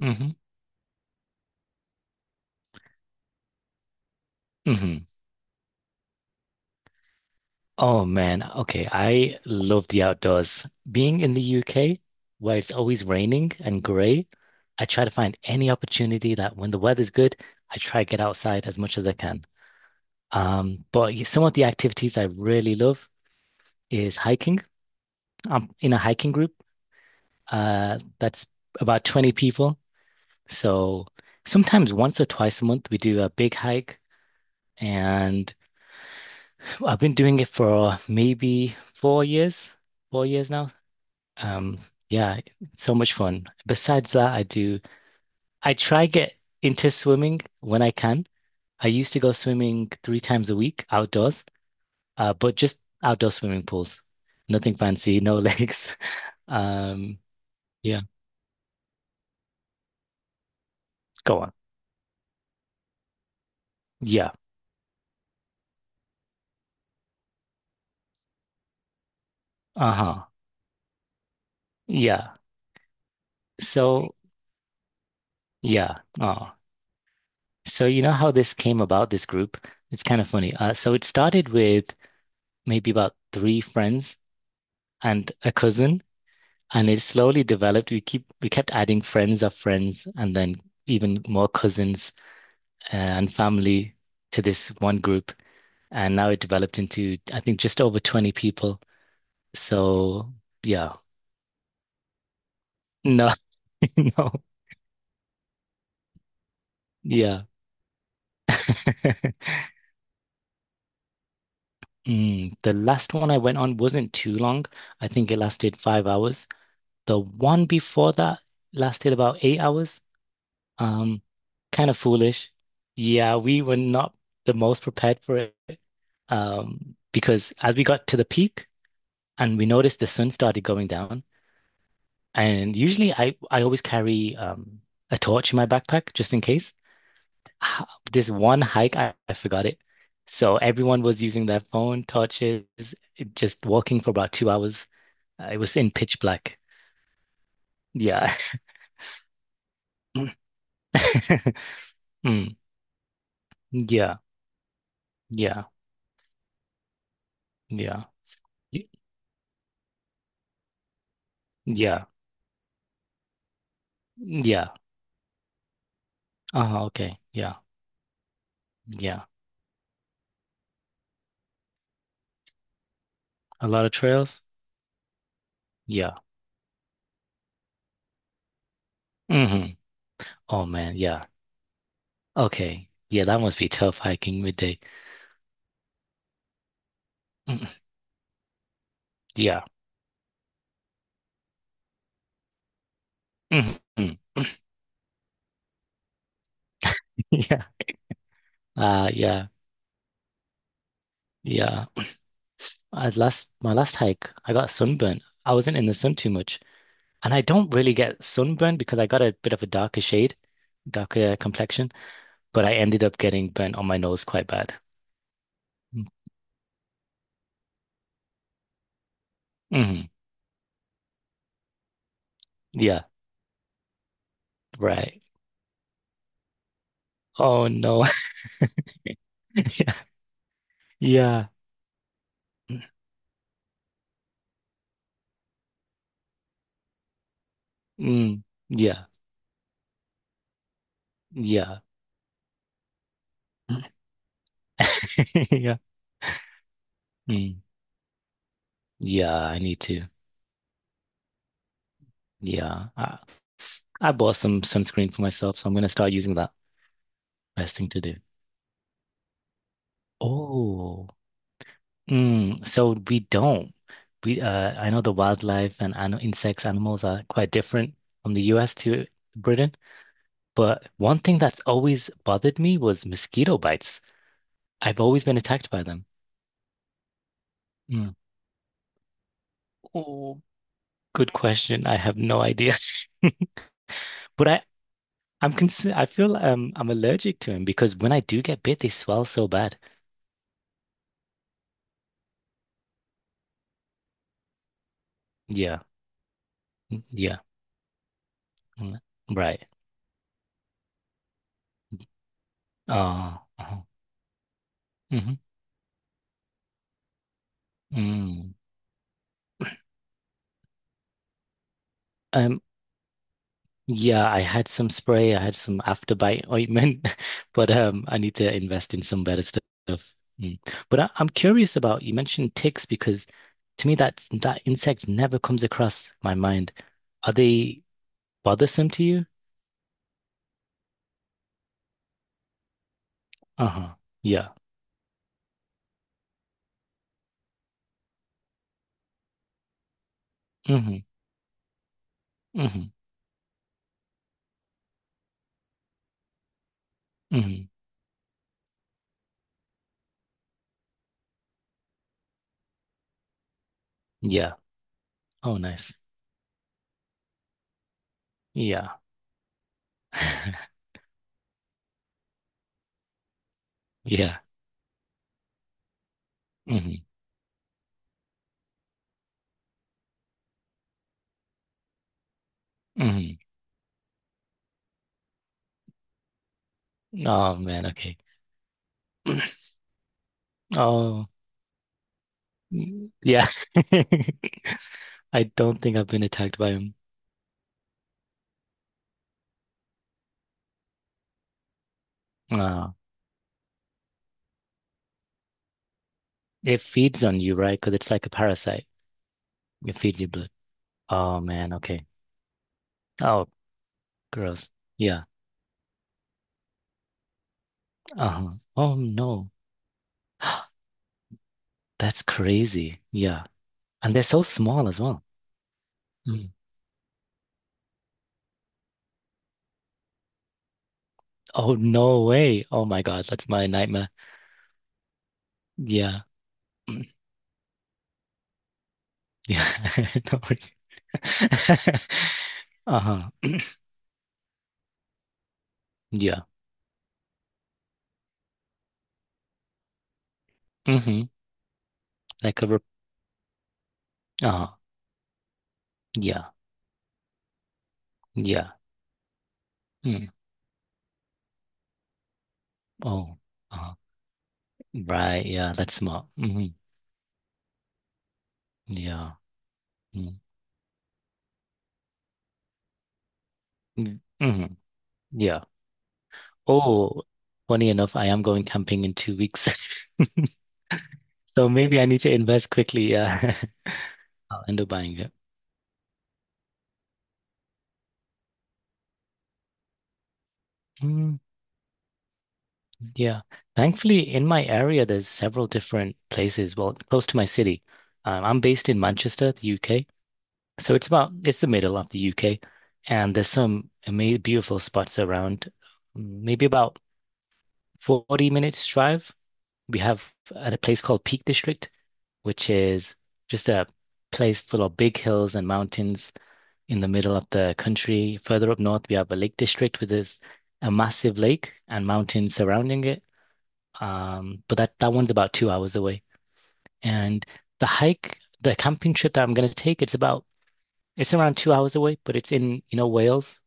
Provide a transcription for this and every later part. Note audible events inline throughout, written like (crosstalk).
Hmm. Hmm. Oh man, okay. I love the outdoors. Being in the UK, where it's always raining and grey, I try to find any opportunity that when the weather's good, I try to get outside as much as I can. But some of the activities I really love is hiking. I'm in a hiking group, that's about 20 people. So sometimes once or twice a month we do a big hike, and I've been doing it for maybe four years now. Um, yeah, so much fun. Besides that, I try get into swimming when I can. I used to go swimming three times a week outdoors, but just outdoor swimming pools. Nothing fancy, no (laughs) legs. Um, yeah, go on. Yeah. Uh-huh. Yeah. So, yeah. Oh. So you know how this came about, this group? It's kind of funny. So it started with maybe about three friends and a cousin. And it slowly developed. We kept adding friends of friends and then even more cousins and family to this one group. And now it developed into, I think, just over 20 people. So yeah. No, (laughs) no. Yeah. The last one I went on wasn't too long. I think it lasted 5 hours. The one before that lasted about 8 hours. Um, Kind of foolish. Yeah, we were not the most prepared for it. Because as we got to the peak and we noticed the sun started going down, and usually I always carry a torch in my backpack just in case. H- This one hike, I forgot it. So everyone was using their phone, torches, just walking for about 2 hours. It was in pitch black. Yeah. (laughs) Mm. Yeah. Yeah. Yeah. Y- Yeah. Yeah. Uh-huh, okay. Yeah. Yeah. A lot of trails. Yeah. Hmm. Oh man. Yeah. Okay. Yeah, that must be tough hiking midday. Mm, yeah. Mhm. (laughs) Yeah. Yeah. Yeah. As last My last hike, I got sunburnt. I wasn't in the sun too much. And I don't really get sunburned because I got a bit of a darker shade, darker complexion, but I ended up getting burnt on my nose quite bad. Mm. Mm-hmm. Yeah, right. Oh no. (laughs) Yeah. Yeah. Mm, yeah. Yeah. (laughs) Yeah. Mm. Yeah, I need to. Yeah. I bought some sunscreen for myself, so I'm gonna start using that. Best thing to do. Oh, so we don't. We I know the wildlife and ano insects, animals are quite different from the US to Britain. But one thing that's always bothered me was mosquito bites. I've always been attacked by them. Mm. Oh, good question. I have no idea. (laughs) But I'm concerned. I'm allergic to them because when I do get bit, they swell so bad. Yeah. Mm, yeah. Mm, right. Uh-huh. Hmm. Mm. Um, yeah, I had some spray, I had some afterbite ointment, (laughs) but I need to invest in some better stuff. Mm. But I'm curious about you mentioned ticks because to me that insect never comes across my mind. Are they bothersome to you? Uh-huh. Yeah. Hmm. Hmm. Hmm. Yeah. Oh, nice. Yeah. (laughs) Yeah. Hmm. Hmm. Oh man. Okay. Oh. Yeah. (laughs) I don't think I've been attacked by him. Uh, it feeds on you, right? Because it's like a parasite. It feeds you blood. Oh man, okay. Oh, gross. Yeah. Uh-huh. Oh no. (gasps) That's crazy. Yeah. And they're so small as well. Mm. Oh no way. Oh my God, that's my nightmare. Yeah. Mm. Yeah. (laughs) No worries. (laughs) Uh-huh. Yeah. Mm-hmm. Like a rep- uh-huh. Yeah. Yeah. Mm. Oh, uh, right. Yeah, that's smart. Hmm. Yeah. Mm-hmm. Hmm. Yeah. Oh, funny enough, I am going camping in 2 weeks. (laughs) So maybe I need to invest quickly. Yeah. (laughs) I'll end up buying it. Mm, yeah. Thankfully, in my area, there's several different places. Well, close to my city. I'm based in Manchester, the UK. So it's the middle of the UK. And there's some amazing, beautiful spots around. Maybe about 40 minutes drive. We have at a place called Peak District, which is just a place full of big hills and mountains in the middle of the country. Further up north, we have a lake district with this a massive lake and mountains surrounding it. But that one's about 2 hours away. And the camping trip that I'm going to take, it's around 2 hours away, but it's in Wales.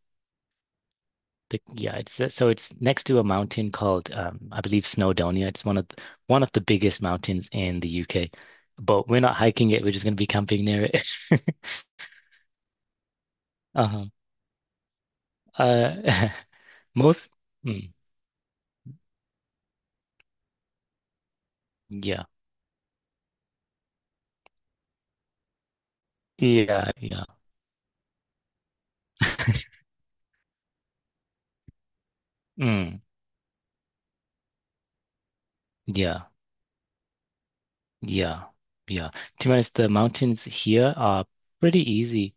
Yeah, it's so it's next to a mountain called I believe Snowdonia. It's one of the biggest mountains in the UK, but we're not hiking it. We're just going to be camping near it. (laughs) Uh-huh. Uh, (laughs) most mm, yeah, yeah, yeah, mm, yeah, yeah, yeah. To be honest, the mountains here are pretty easy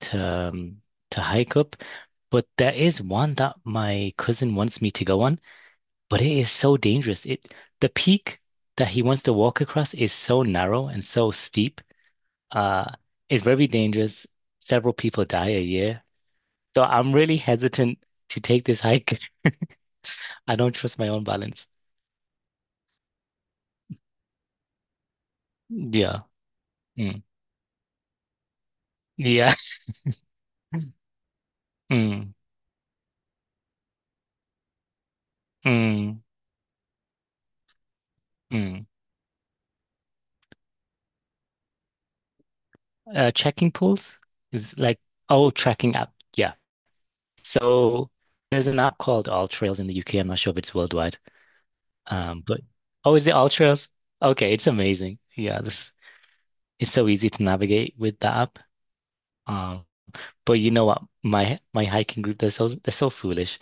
to um, to hike up, but there is one that my cousin wants me to go on. But it is so dangerous. It The peak that he wants to walk across is so narrow and so steep. Uh, it's very dangerous. Several people die a year. So I'm really hesitant to take this hike. (laughs) I don't trust my own balance. Yeah. Mm. Yeah. (laughs) Mm. Mm. Mm. Checking pools is like, oh, tracking app. Yeah. So there's an app called All Trails in the UK. I'm not sure if it's worldwide. But oh, is it All Trails? Okay, it's amazing. Yeah, this it's so easy to navigate with that app. Um, but you know what? My hiking group, they're so foolish.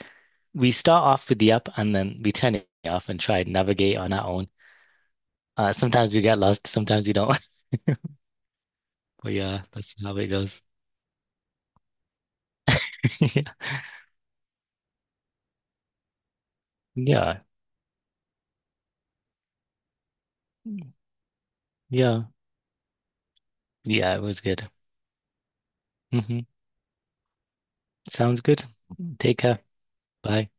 We start off with the app and then we turn it off and try and navigate on our own. Sometimes we get lost, sometimes we don't. (laughs) But yeah, that's how it goes. (laughs) Yeah. Yeah. Yeah, it was good. Hmm. Sounds good. Take care. Bye.